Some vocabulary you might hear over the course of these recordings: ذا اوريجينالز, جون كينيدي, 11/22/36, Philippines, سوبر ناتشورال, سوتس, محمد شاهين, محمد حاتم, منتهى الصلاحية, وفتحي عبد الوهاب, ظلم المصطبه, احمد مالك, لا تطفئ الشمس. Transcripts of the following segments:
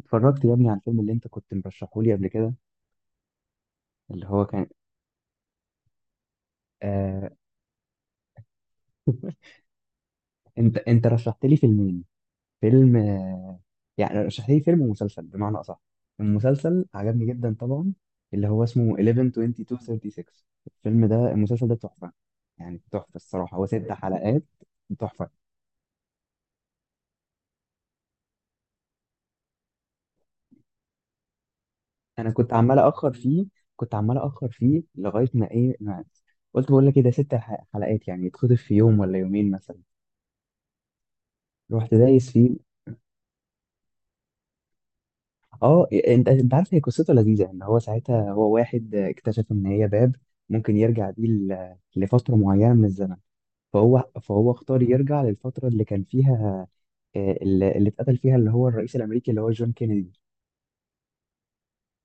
اتفرجت يا ابني على الفيلم اللي انت كنت مرشحه لي قبل كده. اللي هو كان آه انت رشحت لي فيلمين. فيلم، يعني رشحت لي فيلم ومسلسل بمعنى اصح. المسلسل عجبني جدا طبعا، اللي هو اسمه 11/22/36. الفيلم ده المسلسل ده تحفة، يعني تحفة الصراحة. هو ست حلقات تحفة. انا كنت عمال اخر فيه، لغاية ما ايه ما قلت بقول لك ايه ده، ست حلقات يعني يتخطف في يوم ولا يومين مثلا. رحت دايس فيه. اه، انت عارف، هي قصته لذيذه ان هو ساعتها، هو واحد اكتشف ان هي باب ممكن يرجع بيه لفتره معينه من الزمن. فهو اختار يرجع للفتره اللي كان فيها، آه، اللي اتقتل فيها اللي هو الرئيس الامريكي اللي هو جون كينيدي.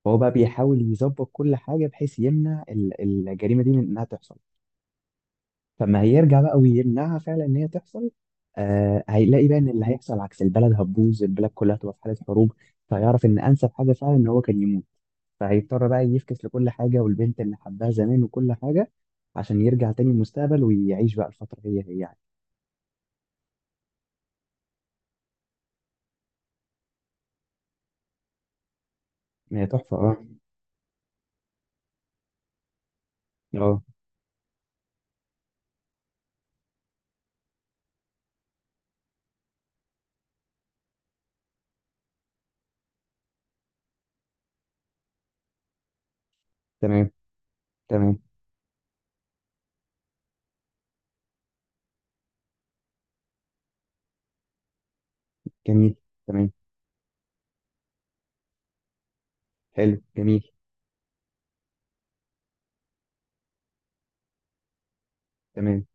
فهو بقى بيحاول يظبط كل حاجه بحيث يمنع الجريمه دي من انها تحصل. فما هيرجع بقى ويمنعها فعلا ان هي تحصل. آه، هيلاقي بقى ان اللي هيحصل عكس، البلد هتبوظ، البلد كلها هتبقى في حاله حروب. فيعرف ان انسب حاجه فعلا ان هو كان يموت. فهيضطر بقى يفكس لكل حاجة، والبنت اللي حبها زمان وكل حاجة، عشان يرجع تاني المستقبل ويعيش بقى الفترة هي هي يعني. هي تحفة، اه. اه. تمام. تمام. جميل. تمام. حلو جميل. تمام.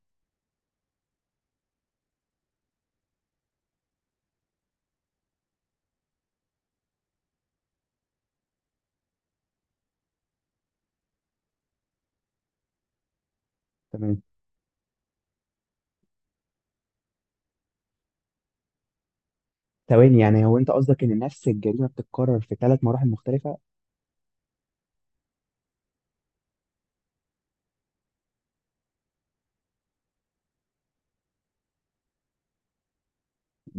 تمام. ثواني، يعني هو انت قصدك ان نفس الجريمة بتتكرر في ثلاث مراحل مختلفة؟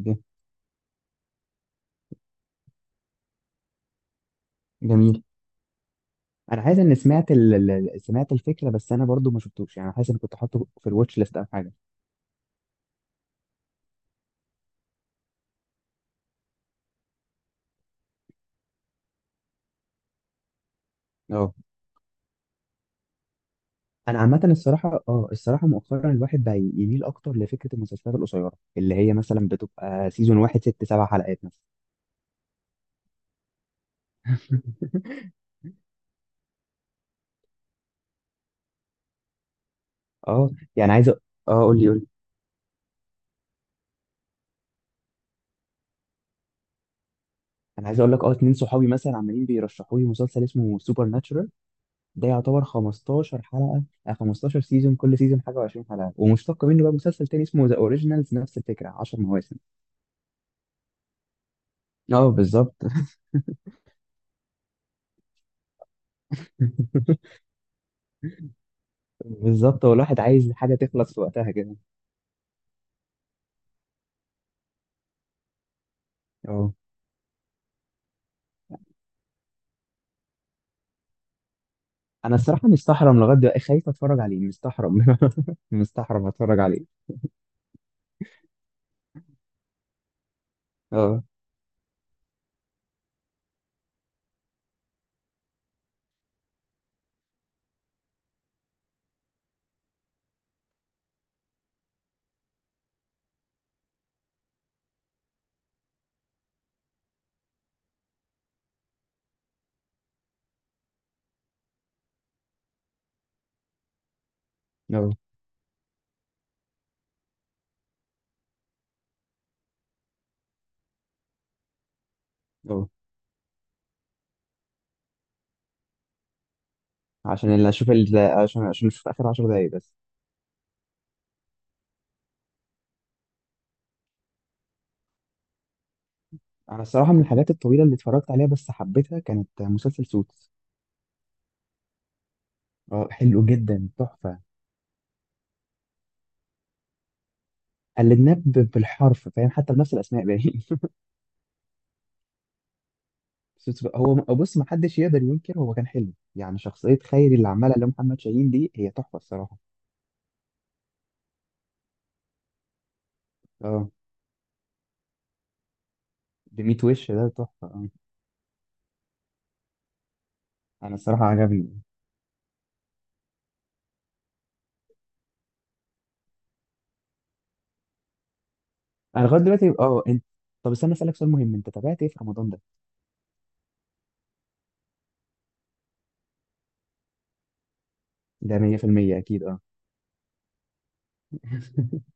ج- جميل. انا حاسس ان سمعت سمعت الفكرة، بس انا برضو ما شفتوش، يعني حاسس ان كنت حاطه في الواتش ليست او حاجة. اه. انا عامه الصراحه، الصراحه مؤخرا الواحد بقى يميل اكتر لفكره المسلسلات القصيره، اللي هي مثلا بتبقى سيزون واحد ست سبع حلقات مثلا. اه، يعني عايز قول لي قول لي. انا عايز اقول لك، اتنين صحابي مثلا عمالين بيرشحوا لي مسلسل اسمه سوبر ناتشورال. ده يعتبر 15 حلقه، آه، 15 سيزون، كل سيزون حاجه، و20 حلقه. ومشتق منه بقى مسلسل تاني اسمه ذا اوريجينالز، نفس الفكره، 10 مواسم. اه، بالظبط. بالظبط، هو الواحد عايز حاجه تخلص في وقتها كده. اه، انا الصراحه مستحرم لغايه دلوقتي، خايف اتفرج عليه، مستحرم. مستحرم اتفرج عليه. اه. اه. اه، عشان اللي اشوف ال... عشان عشان اشوف اخر 10 دقايق بس. انا الصراحه من الحاجات الطويله اللي اتفرجت عليها بس حبيتها كانت مسلسل سوتس. اه، حلو جدا تحفه. قلدناه بالحرف فاهم، حتى بنفس الاسماء باين. هو بص، ما حدش يقدر ينكر هو كان حلو، يعني شخصيه خيري اللي عملها اللي هو محمد شاهين دي هي تحفه الصراحه. اه، بميت وش ده تحفه، اه. انا الصراحه عجبني. انا لغايه دلوقتي، اه، انت، طب استنى اسالك سؤال مهم، انت تابعت ايه في رمضان ده؟ ده 100% اكيد، اه.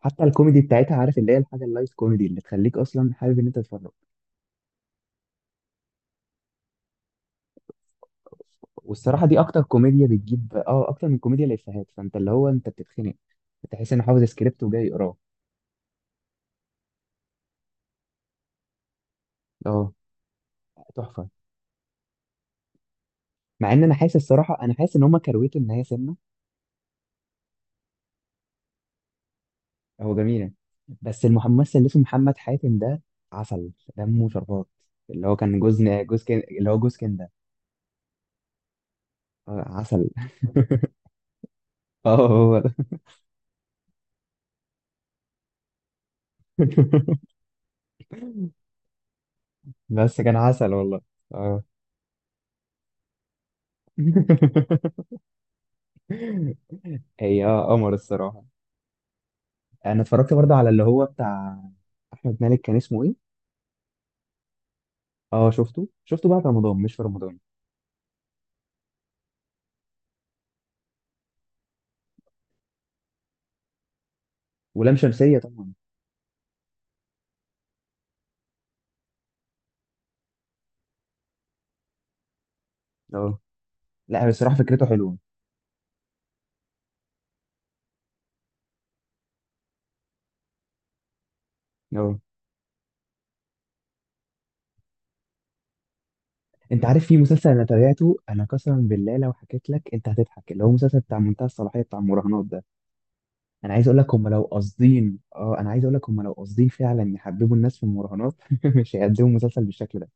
حتى الكوميدي بتاعتها، عارف، اللي هي الحاجه اللايت كوميدي اللي تخليك اصلا حابب ان انت تتفرج. والصراحه دي اكتر كوميديا بتجيب، اكتر من كوميديا الافيهات، فانت اللي هو انت بتتخنق، تحس ان حافظ سكريبت وجاي يقراه. اه، تحفه. مع ان انا حاسس الصراحه، انا حاسس ان هم كرويته ان هي سنه. هو جميله. بس الممثل اللي اسمه محمد حاتم ده عسل، دمه شربات. اللي هو كان اللي هو جوز كندا. آه، عسل. اه، هو ده. بس كان عسل والله. اه. هي، اه، قمر الصراحة. انا اتفرجت برضه على اللي هو بتاع احمد مالك، كان اسمه ايه؟ اه، شفته بعد رمضان مش في رمضان. ولام شمسية طبعا. اه، لا الصراحة فكرته حلوة. اه، انت عارف في مسلسل انا تابعته، انا قسما بالله لو حكيت لك انت هتضحك، اللي هو مسلسل بتاع منتهى الصلاحية بتاع المراهنات ده. انا عايز اقول لك، هم لو قاصدين فعلا يحببوا الناس في المراهنات، مش هيقدموا مسلسل بالشكل ده.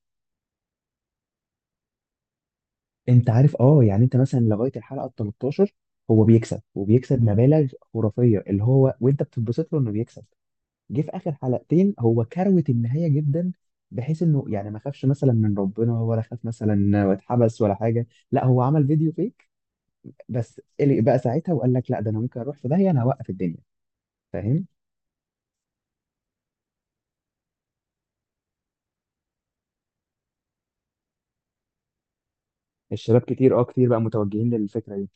انت عارف، اه، يعني انت مثلا لغايه الحلقه ال 13 هو بيكسب، وبيكسب مبالغ خرافيه اللي هو، وانت بتتبسط له انه بيكسب. جه في اخر حلقتين، هو كروت النهايه جدا، بحيث انه يعني ما خافش مثلا من ربنا، ولا خاف مثلا واتحبس ولا حاجه. لا، هو عمل فيديو فيك، بس قلق بقى ساعتها وقال لك لا ده انا ممكن اروح في داهيه، انا هوقف الدنيا، فاهم. الشباب كتير، كتير بقى متوجهين للفكره دي.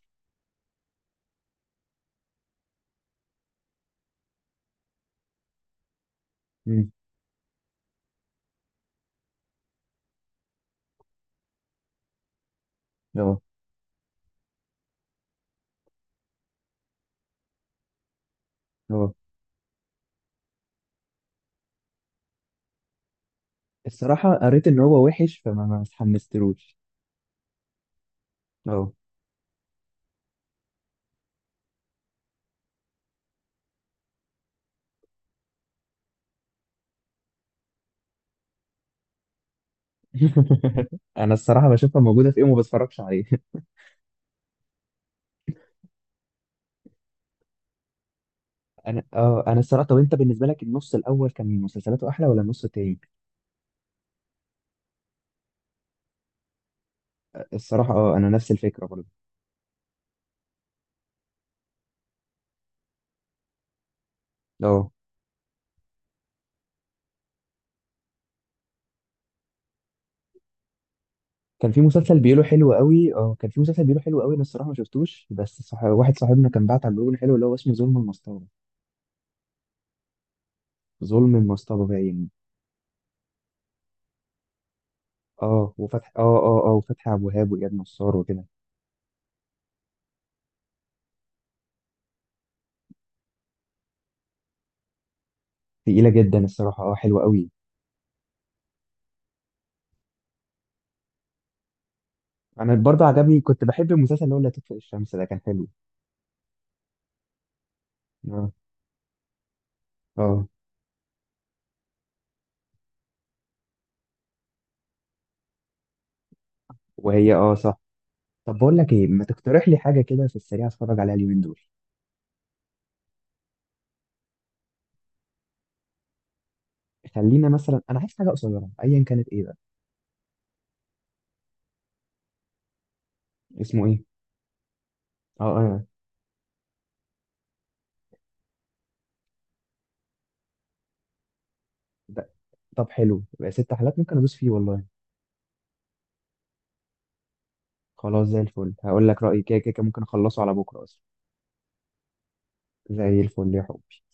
امم. اه. اه، الصراحه قريت ان هو وحش، فما ما اتحمستلوش. انا الصراحه بشوفها موجوده في ايه وما بتفرجش عليه. انا الصراحه، طب انت بالنسبه لك النص الاول كان مسلسلاته احلى ولا النص التاني؟ الصراحه، اه، انا نفس الفكره برضه. اه كان في مسلسل بيقوله حلو قوي اه، كان في مسلسل بيقوله حلو قوي، انا الصراحه ما شفتوش، واحد صاحبنا كان بعت على بيقول حلو، اللي هو اسمه ظلم المصطبه. ظلم المصطبه باين. وفتحي عبد الوهاب، واياد نصار، وكده. تقيله جدا الصراحه، اه، حلوه قوي. انا برضه عجبني، كنت بحب المسلسل اللي هو لا تطفئ الشمس ده كان حلو. اه. اه. وهي، اه، صح. طب بقول لك ايه، ما تقترح لي حاجه كده في السريع اتفرج عليها اليومين دول. خلينا مثلا، انا عايز حاجه قصيره ايا كانت، ايه بقى؟ اسمه ايه؟ اه. اه. ده- طب حلو بقى، ست حلقات ممكن ادوس فيه والله. خلاص زي الفل، هقول لك رايي كده كده كده، ممكن اخلصه على بكره اصلا. زي الفل يا حبي.